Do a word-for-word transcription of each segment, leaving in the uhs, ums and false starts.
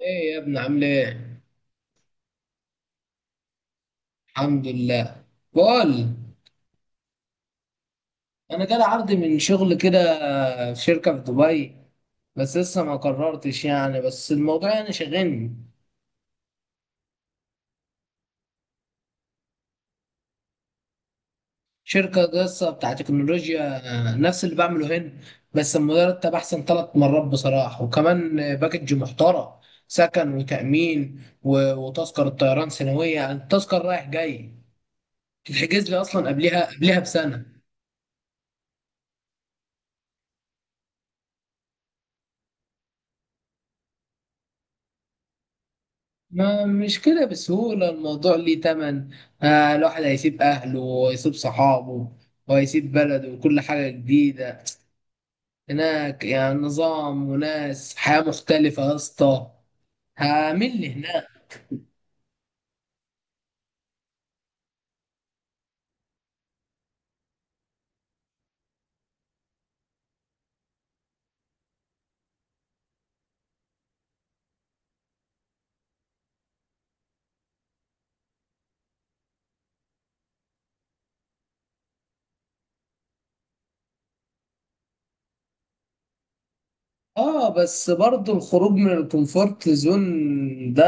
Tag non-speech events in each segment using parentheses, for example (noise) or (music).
ايه يا ابني عامل ايه؟ الحمد لله. بقول، انا جالي عرض من شغل كده، في شركة في دبي. بس لسه ما قررتش يعني، بس الموضوع يعني شاغلني. شركة لسه بتاع تكنولوجيا، آه، نفس اللي بعمله هنا. بس المرتب احسن ثلاث مرات بصراحة، وكمان آه، باكج محترم: سكن وتأمين و- وتذكرة طيران سنوية، يعني التذكرة رايح جاي تتحجز لي اصلا قبلها قبلها بسنة. ما مش كده بسهولة، الموضوع ليه تمن. آه الواحد هيسيب أهله ويسيب صحابه وهيسيب بلده وكل حاجة جديدة. هناك يعني نظام وناس، حياة مختلفة يا اسطى هعمل هناك. اه بس برضو الخروج من الكومفورت زون ده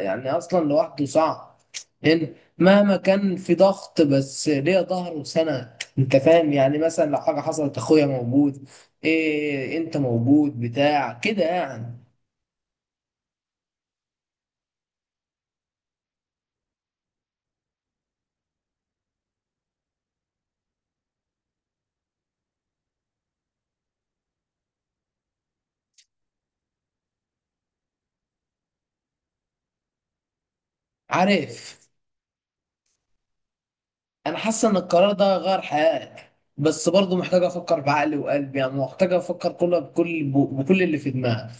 يعني اصلا لوحده صعب. هنا مهما كان في ضغط، بس ليه ظهر وسند، انت فاهم يعني، مثلا لو حاجه حصلت اخويا موجود، إيه انت موجود بتاع كده يعني. عارف، انا حاسه ان القرار ده غير حياتي، بس برضو محتاج افكر بعقلي وقلبي، يعني محتاج افكر كله بكل بكل اللي في دماغي.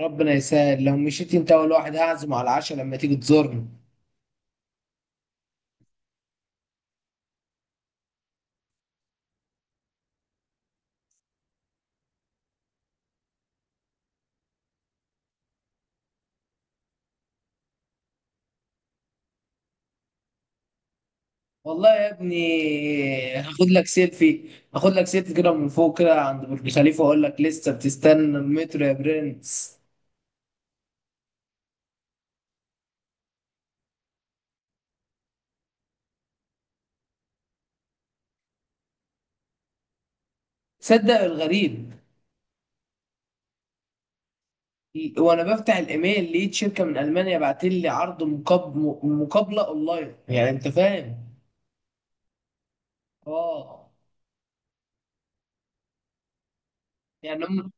ربنا يسهل، لو مشيت انت اول واحد هعزم على العشاء لما تيجي تزورني. والله يا ابني هاخد لك سيلفي، هاخد لك سيلفي كده من فوق كده عند برج خليفة واقول لك لسه بتستنى المترو يا برنس. صدق الغريب، وانا بفتح الايميل لقيت شركة من المانيا بعت لي عرض مقاب... مقابلة اونلاين، يعني انت فاهم. اه. يعني هم.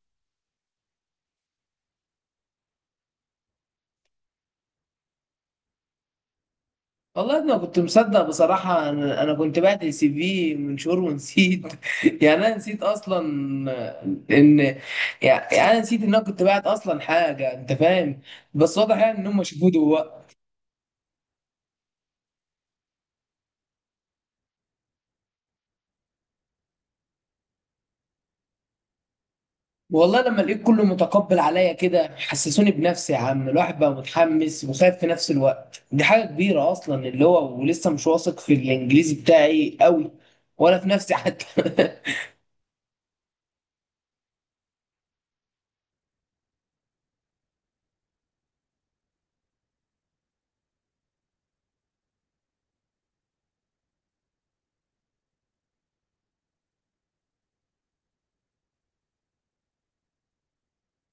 والله انا كنت مصدق بصراحه، انا أنا كنت بعت سي في من شهور ونسيت. (laughs) يعني انا نسيت اصلا ان، يعني انا نسيت ان انا كنت بعت اصلا حاجه انت فاهم. بس واضح يعني ان هم شافوه دلوقتي. والله لما لقيت كله متقبل عليا كده حسسوني بنفسي، يا عم الواحد بقى متحمس وخايف في نفس الوقت. دي حاجه كبيره اصلا اللي هو، ولسه مش واثق في الانجليزي بتاعي قوي، ولا في نفسي حتى. (laughs)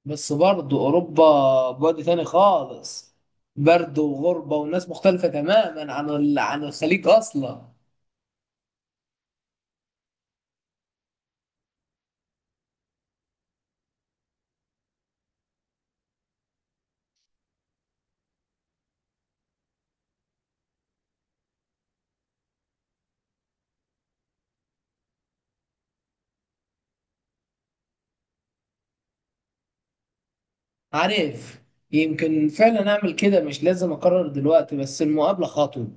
بس برضه أوروبا بعد تاني خالص، برد وغربة وناس مختلفة تماما عن ال- عن الخليج أصلا. عارف، يمكن فعلا أعمل كده، مش لازم أقرر دلوقتي بس المقابلة خطوة.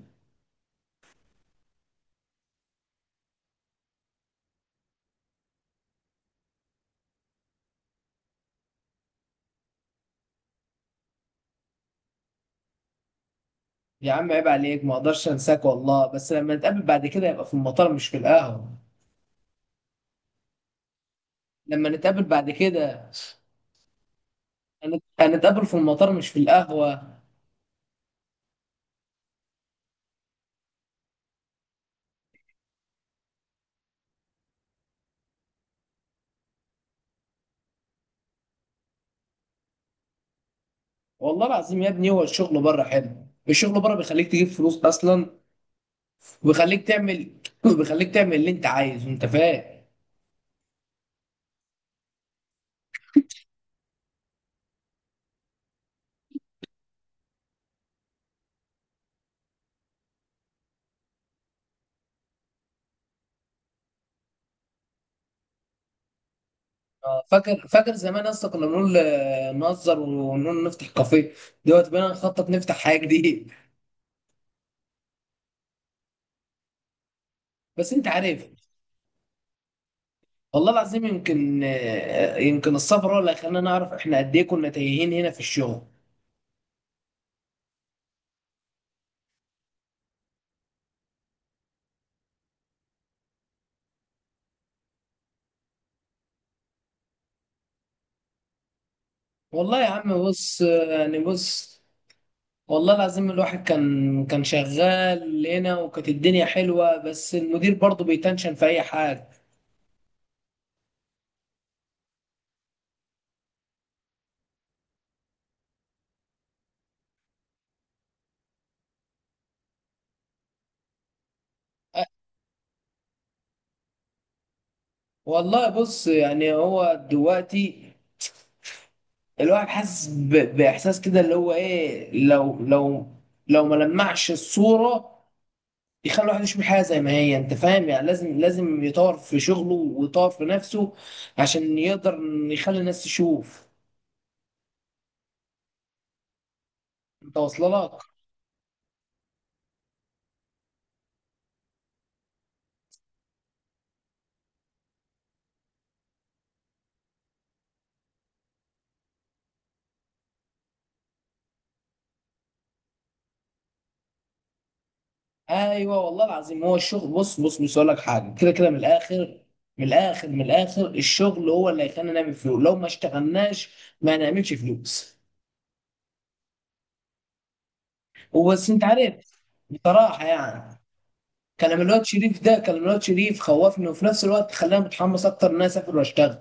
يا عم عيب عليك، ما أقدرش أنساك والله، بس لما نتقابل بعد كده يبقى في المطار مش في القهوة. لما نتقابل بعد كده هنت- هنتقابل في المطار مش في القهوة. والله العظيم يا ابني هو الشغل بره حلو، الشغل بره بيخليك تجيب فلوس أصلا، وبيخليك تعمل (clears throat) (laughs) وبيخليك تعمل اللي انت عايزه، انت فاهم. آه، فاكر فاكر زمان اصلا كنا بنقول، آه، نهزر ونقول نفتح كافيه. دلوقتي بقينا نخطط نفتح حاجه جديده. (laughs) بس انت عارف. والله العظيم يمكن آه، يمكن السفر هو اللي خلانا نعرف احنا قد ايه كنا تايهين هنا في الشغل. والله يا عم بص، آه، يعني بص. والله العظيم الواحد كان كان شغال هنا وكانت الدنيا حلوه، بس المدير برضه بيتنشن في اي حاجه. أه، والله بص يعني هو دلوقتي الواحد حاسس ب- باحساس كده، اللي هو ايه لو لو، لو ما لمعش الصوره يخلي الواحد يشوف الحياه زي ما هي، انت فاهم يعني لازم لازم يطور في شغله ويطور في نفسه عشان يقدر يخلي الناس تشوف انت واصله لك. ايوه والله العظيم، هو الشغل بص بص بص اقول لك حاجه كده كده. من الاخر، من الاخر من الاخر، الشغل هو اللي هيخلينا نعمل فلوس، لو ما اشتغلناش ما نعملش فلوس. وبس انت عارف. بصراحه يعني، كلام الواد شريف ده، كلام الواد شريف خوفني وفي نفس الوقت خلاني متحمس اكتر ان انا اسافر واشتغل.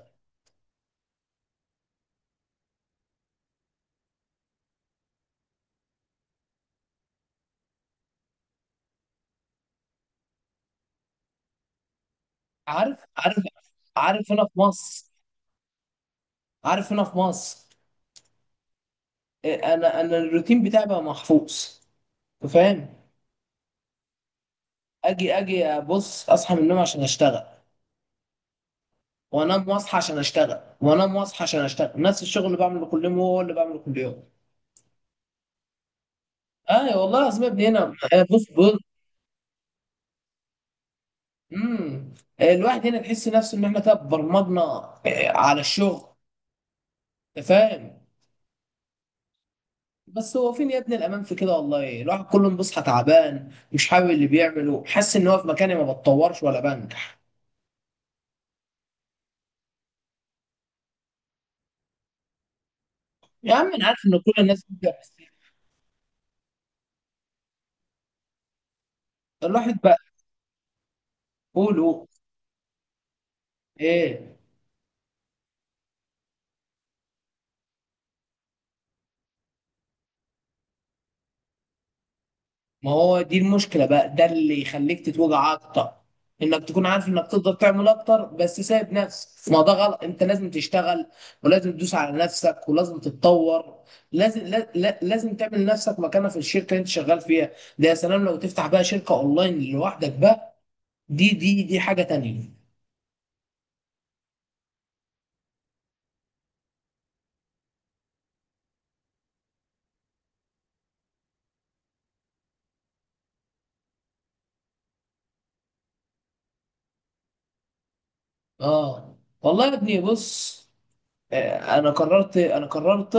عارف، عارف، عارف هنا في مصر، عارف هنا في مصر إيه، انا انا الروتين بتاعي بقى محفوظ. أنت فاهم. اجي اجي ابص اصحى من النوم عشان اشتغل، وانام واصحى عشان اشتغل، وانام واصحى عشان اشتغل، نفس الشغل اللي بعمله كل يوم هو اللي بعمله كل يوم. اي والله العظيم يا ابني هنا، آه، بص بص. امم الواحد هنا تحس نفسه ان احنا كده برمجنا، آه، على الشغل. أنت فاهم. بس هو فين يا ابني الامان في كده؟ والله الواحد كل يوم بيصحى تعبان، مش حابب اللي بيعمله، حاسس ان هو في مكاني ما بتطورش ولا بنجح. يا عم انا عارف ان كل الناس بتبدا، بس الواحد بقى يقوله ايه؟ ما هو دي المشكله بقى، ده اللي يخليك تتوجع اكتر، انك تكون عارف انك تقدر تعمل اكتر بس سايب نفسك. ما ده غلط، انت لازم تشتغل، ولازم تدوس على نفسك، ولازم تتطور. لازم لا لا- لازم تعمل لنفسك مكانه في الشركه اللي انت شغال فيها. ده يا سلام لو تفتح بقى شركه اونلاين لوحدك بقى، دي دي دي حاجة تانية. اه والله يا ابني بص، آه، انا قررت انا قررت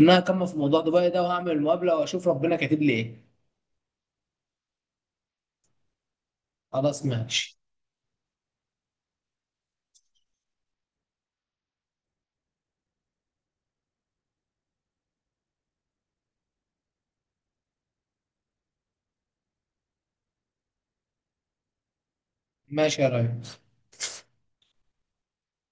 ان انا اكمل في موضوع دبي ده، وهعمل المقابلة واشوف ربنا كاتب لي ايه. خلاص ماشي. ماشي يا ريس.